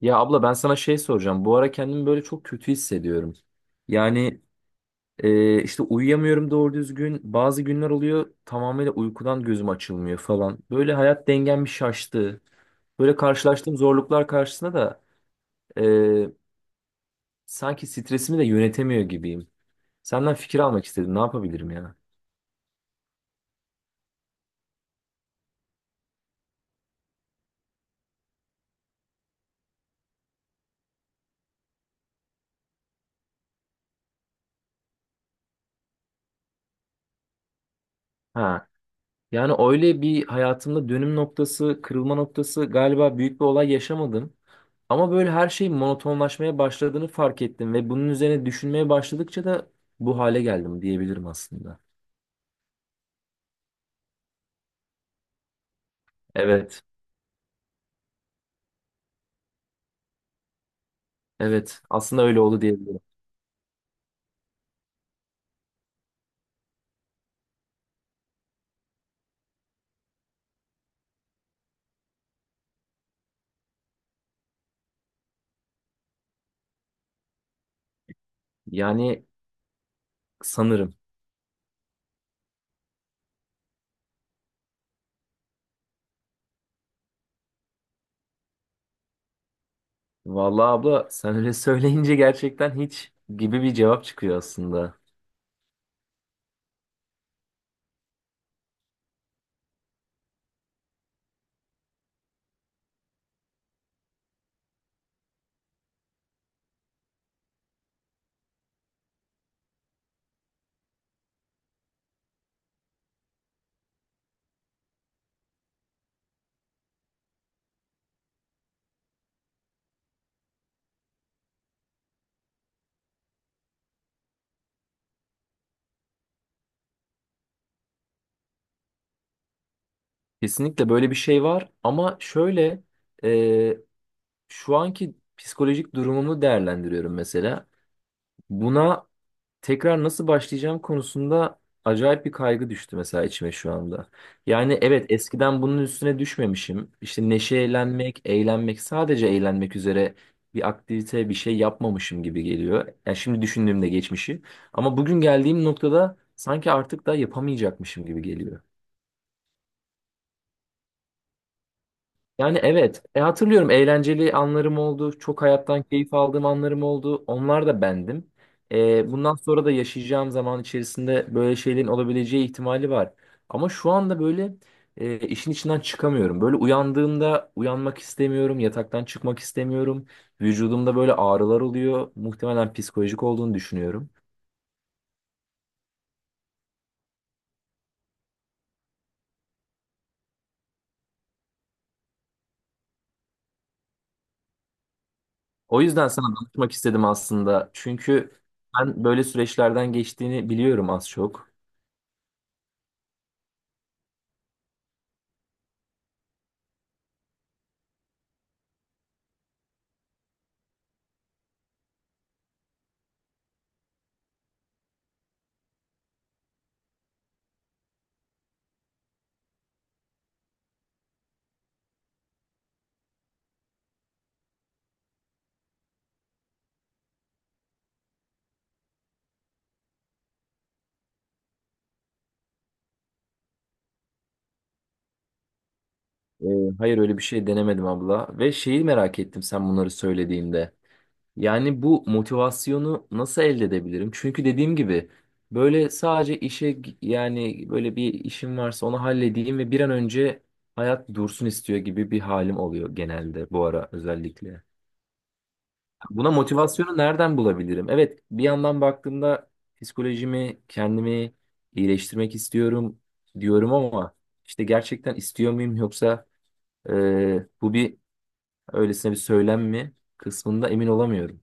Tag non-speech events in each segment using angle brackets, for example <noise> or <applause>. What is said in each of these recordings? Ya abla ben sana şey soracağım. Bu ara kendimi böyle çok kötü hissediyorum. Yani işte uyuyamıyorum doğru düzgün. Bazı günler oluyor tamamıyla uykudan gözüm açılmıyor falan. Böyle hayat dengem bir şaştı. Böyle karşılaştığım zorluklar karşısında da e, sanki stresimi de yönetemiyor gibiyim. Senden fikir almak istedim. Ne yapabilirim ya? Ha. Yani öyle bir hayatımda dönüm noktası, kırılma noktası galiba büyük bir olay yaşamadım. Ama böyle her şey monotonlaşmaya başladığını fark ettim ve bunun üzerine düşünmeye başladıkça da bu hale geldim diyebilirim aslında. Evet, evet aslında öyle oldu diyebilirim. Yani sanırım. Vallahi abla sen öyle <laughs> söyleyince gerçekten hiç gibi bir cevap çıkıyor aslında. Kesinlikle böyle bir şey var ama şöyle e, şu anki psikolojik durumumu değerlendiriyorum mesela. Buna tekrar nasıl başlayacağım konusunda acayip bir kaygı düştü mesela içime şu anda. Yani evet eskiden bunun üstüne düşmemişim. İşte neşelenmek, eğlenmek, sadece eğlenmek üzere bir aktivite, bir şey yapmamışım gibi geliyor. Yani şimdi düşündüğümde geçmişi. Ama bugün geldiğim noktada sanki artık da yapamayacakmışım gibi geliyor. Yani evet. Hatırlıyorum eğlenceli anlarım oldu. Çok hayattan keyif aldığım anlarım oldu. Onlar da bendim. Bundan sonra da yaşayacağım zaman içerisinde böyle şeylerin olabileceği ihtimali var. Ama şu anda böyle işin içinden çıkamıyorum. Böyle uyandığımda uyanmak istemiyorum. Yataktan çıkmak istemiyorum. Vücudumda böyle ağrılar oluyor. Muhtemelen psikolojik olduğunu düşünüyorum. O yüzden sana danışmak istedim aslında. Çünkü ben böyle süreçlerden geçtiğini biliyorum az çok. Ee, hayır öyle bir şey denemedim abla. Ve şeyi merak ettim sen bunları söylediğinde. Yani bu motivasyonu nasıl elde edebilirim? Çünkü dediğim gibi böyle sadece yani böyle bir işim varsa onu halledeyim ve bir an önce hayat dursun istiyor gibi bir halim oluyor genelde bu ara özellikle. Buna motivasyonu nereden bulabilirim? Evet bir yandan baktığımda psikolojimi kendimi iyileştirmek istiyorum diyorum ama işte gerçekten istiyor muyum yoksa bu bir öylesine bir söylem mi kısmında emin olamıyorum.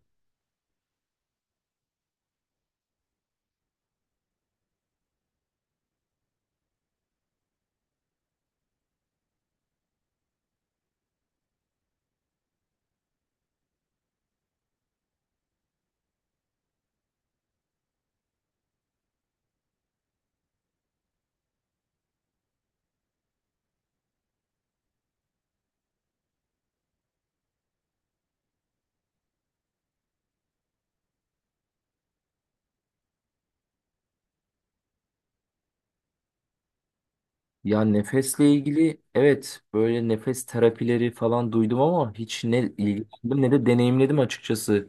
Ya nefesle ilgili evet böyle nefes terapileri falan duydum ama hiç ne ilgilendim ne de deneyimledim açıkçası.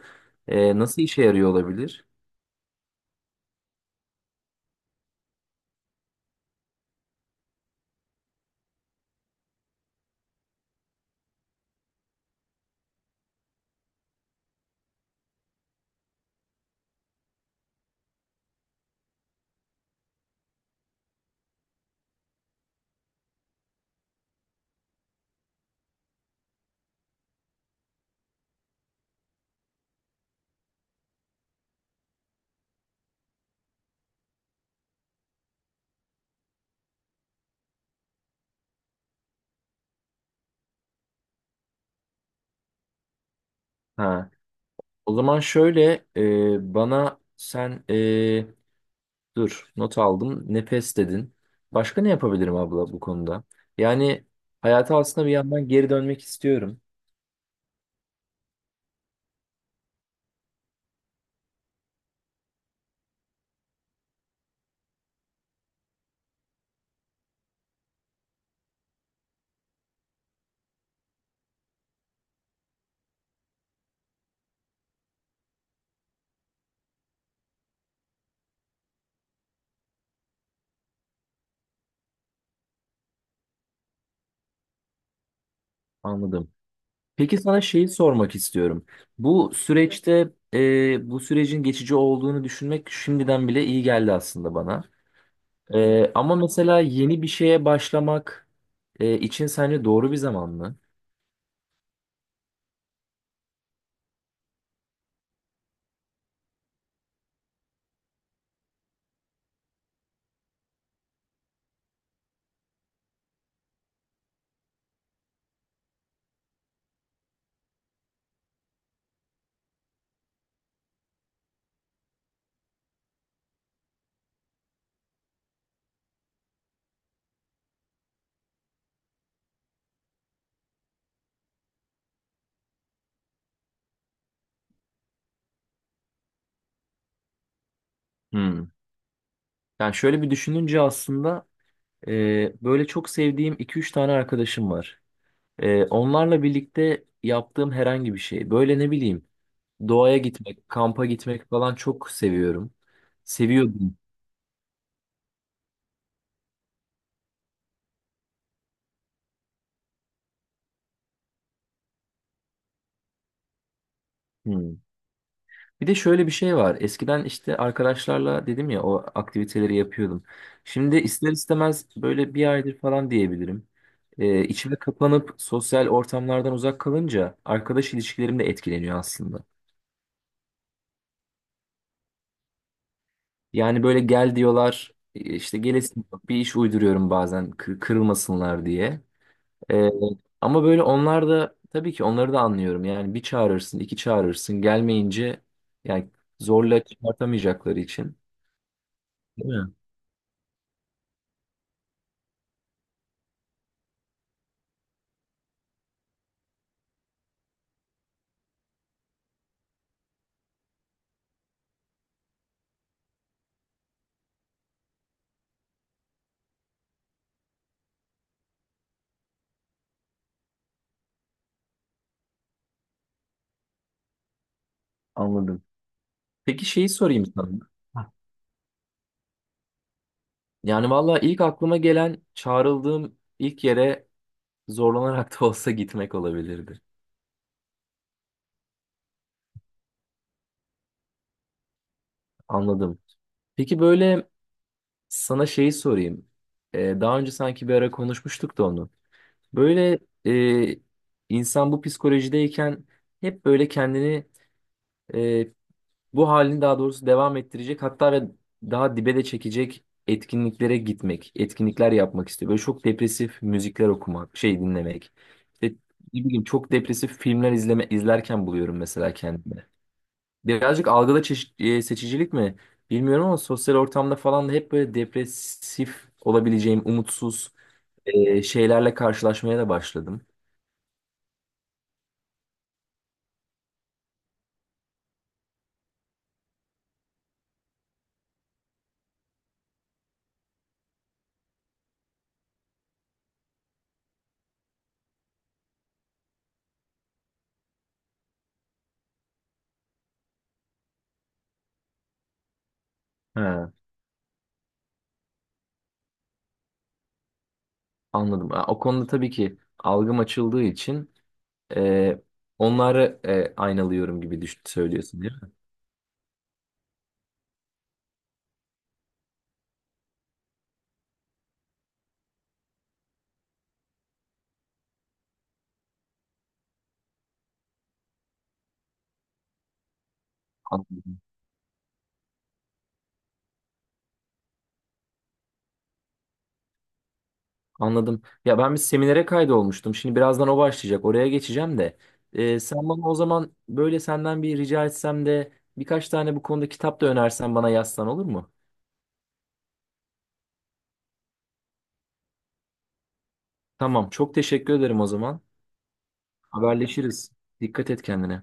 Nasıl işe yarıyor olabilir? Ha. O zaman şöyle bana sen dur not aldım nefes dedin. Başka ne yapabilirim abla bu konuda? Yani hayata aslında bir yandan geri dönmek istiyorum. Anladım. Peki sana şeyi sormak istiyorum. Bu süreçte bu sürecin geçici olduğunu düşünmek şimdiden bile iyi geldi aslında bana. Ama mesela yeni bir şeye başlamak için sence doğru bir zaman mı? Hmm. Yani şöyle bir düşününce aslında böyle çok sevdiğim iki üç tane arkadaşım var. Onlarla birlikte yaptığım herhangi bir şey. Böyle ne bileyim doğaya gitmek, kampa gitmek falan çok seviyorum. Seviyordum. Hmm. Bir de şöyle bir şey var. Eskiden işte arkadaşlarla dedim ya o aktiviteleri yapıyordum. Şimdi ister istemez böyle bir aydır falan diyebilirim. İçime kapanıp sosyal ortamlardan uzak kalınca arkadaş ilişkilerim de etkileniyor aslında. Yani böyle gel diyorlar işte gelesin bir iş uyduruyorum bazen kırılmasınlar diye. Ee, Ama böyle onlar da tabii ki onları da anlıyorum. Yani bir çağırırsın iki çağırırsın gelmeyince yani zorla çıkartamayacakları için. Değil mi? Anladım. Peki şeyi sorayım sana. Ha. Yani valla ilk aklıma gelen çağrıldığım ilk yere zorlanarak <laughs> da olsa gitmek olabilirdi. Anladım. Peki böyle sana şeyi sorayım. Daha önce sanki bir ara konuşmuştuk da onu. Böyle e, insan bu psikolojideyken hep böyle kendini e, bu halini daha doğrusu devam ettirecek hatta ve daha dibe de çekecek etkinliklere gitmek, etkinlikler yapmak istiyor. Böyle çok depresif müzikler okumak, şey dinlemek. İşte ne bileyim çok depresif filmler izlerken buluyorum mesela kendimi. Birazcık algıda seçicilik mi bilmiyorum ama sosyal ortamda falan da hep böyle depresif olabileceğim, umutsuz şeylerle karşılaşmaya da başladım. He, anladım. Ha, o konuda tabii ki algım açıldığı için Ee, onları aynalıyorum gibi düşün, söylüyorsun değil mi? Anladım. Anladım. Ya ben bir seminere kaydolmuştum. Şimdi birazdan o başlayacak. Oraya geçeceğim de. Sen bana o zaman böyle senden bir rica etsem de birkaç tane bu konuda kitap da önersen bana yazsan olur mu? Tamam. Çok teşekkür ederim o zaman. Haberleşiriz. Dikkat et kendine.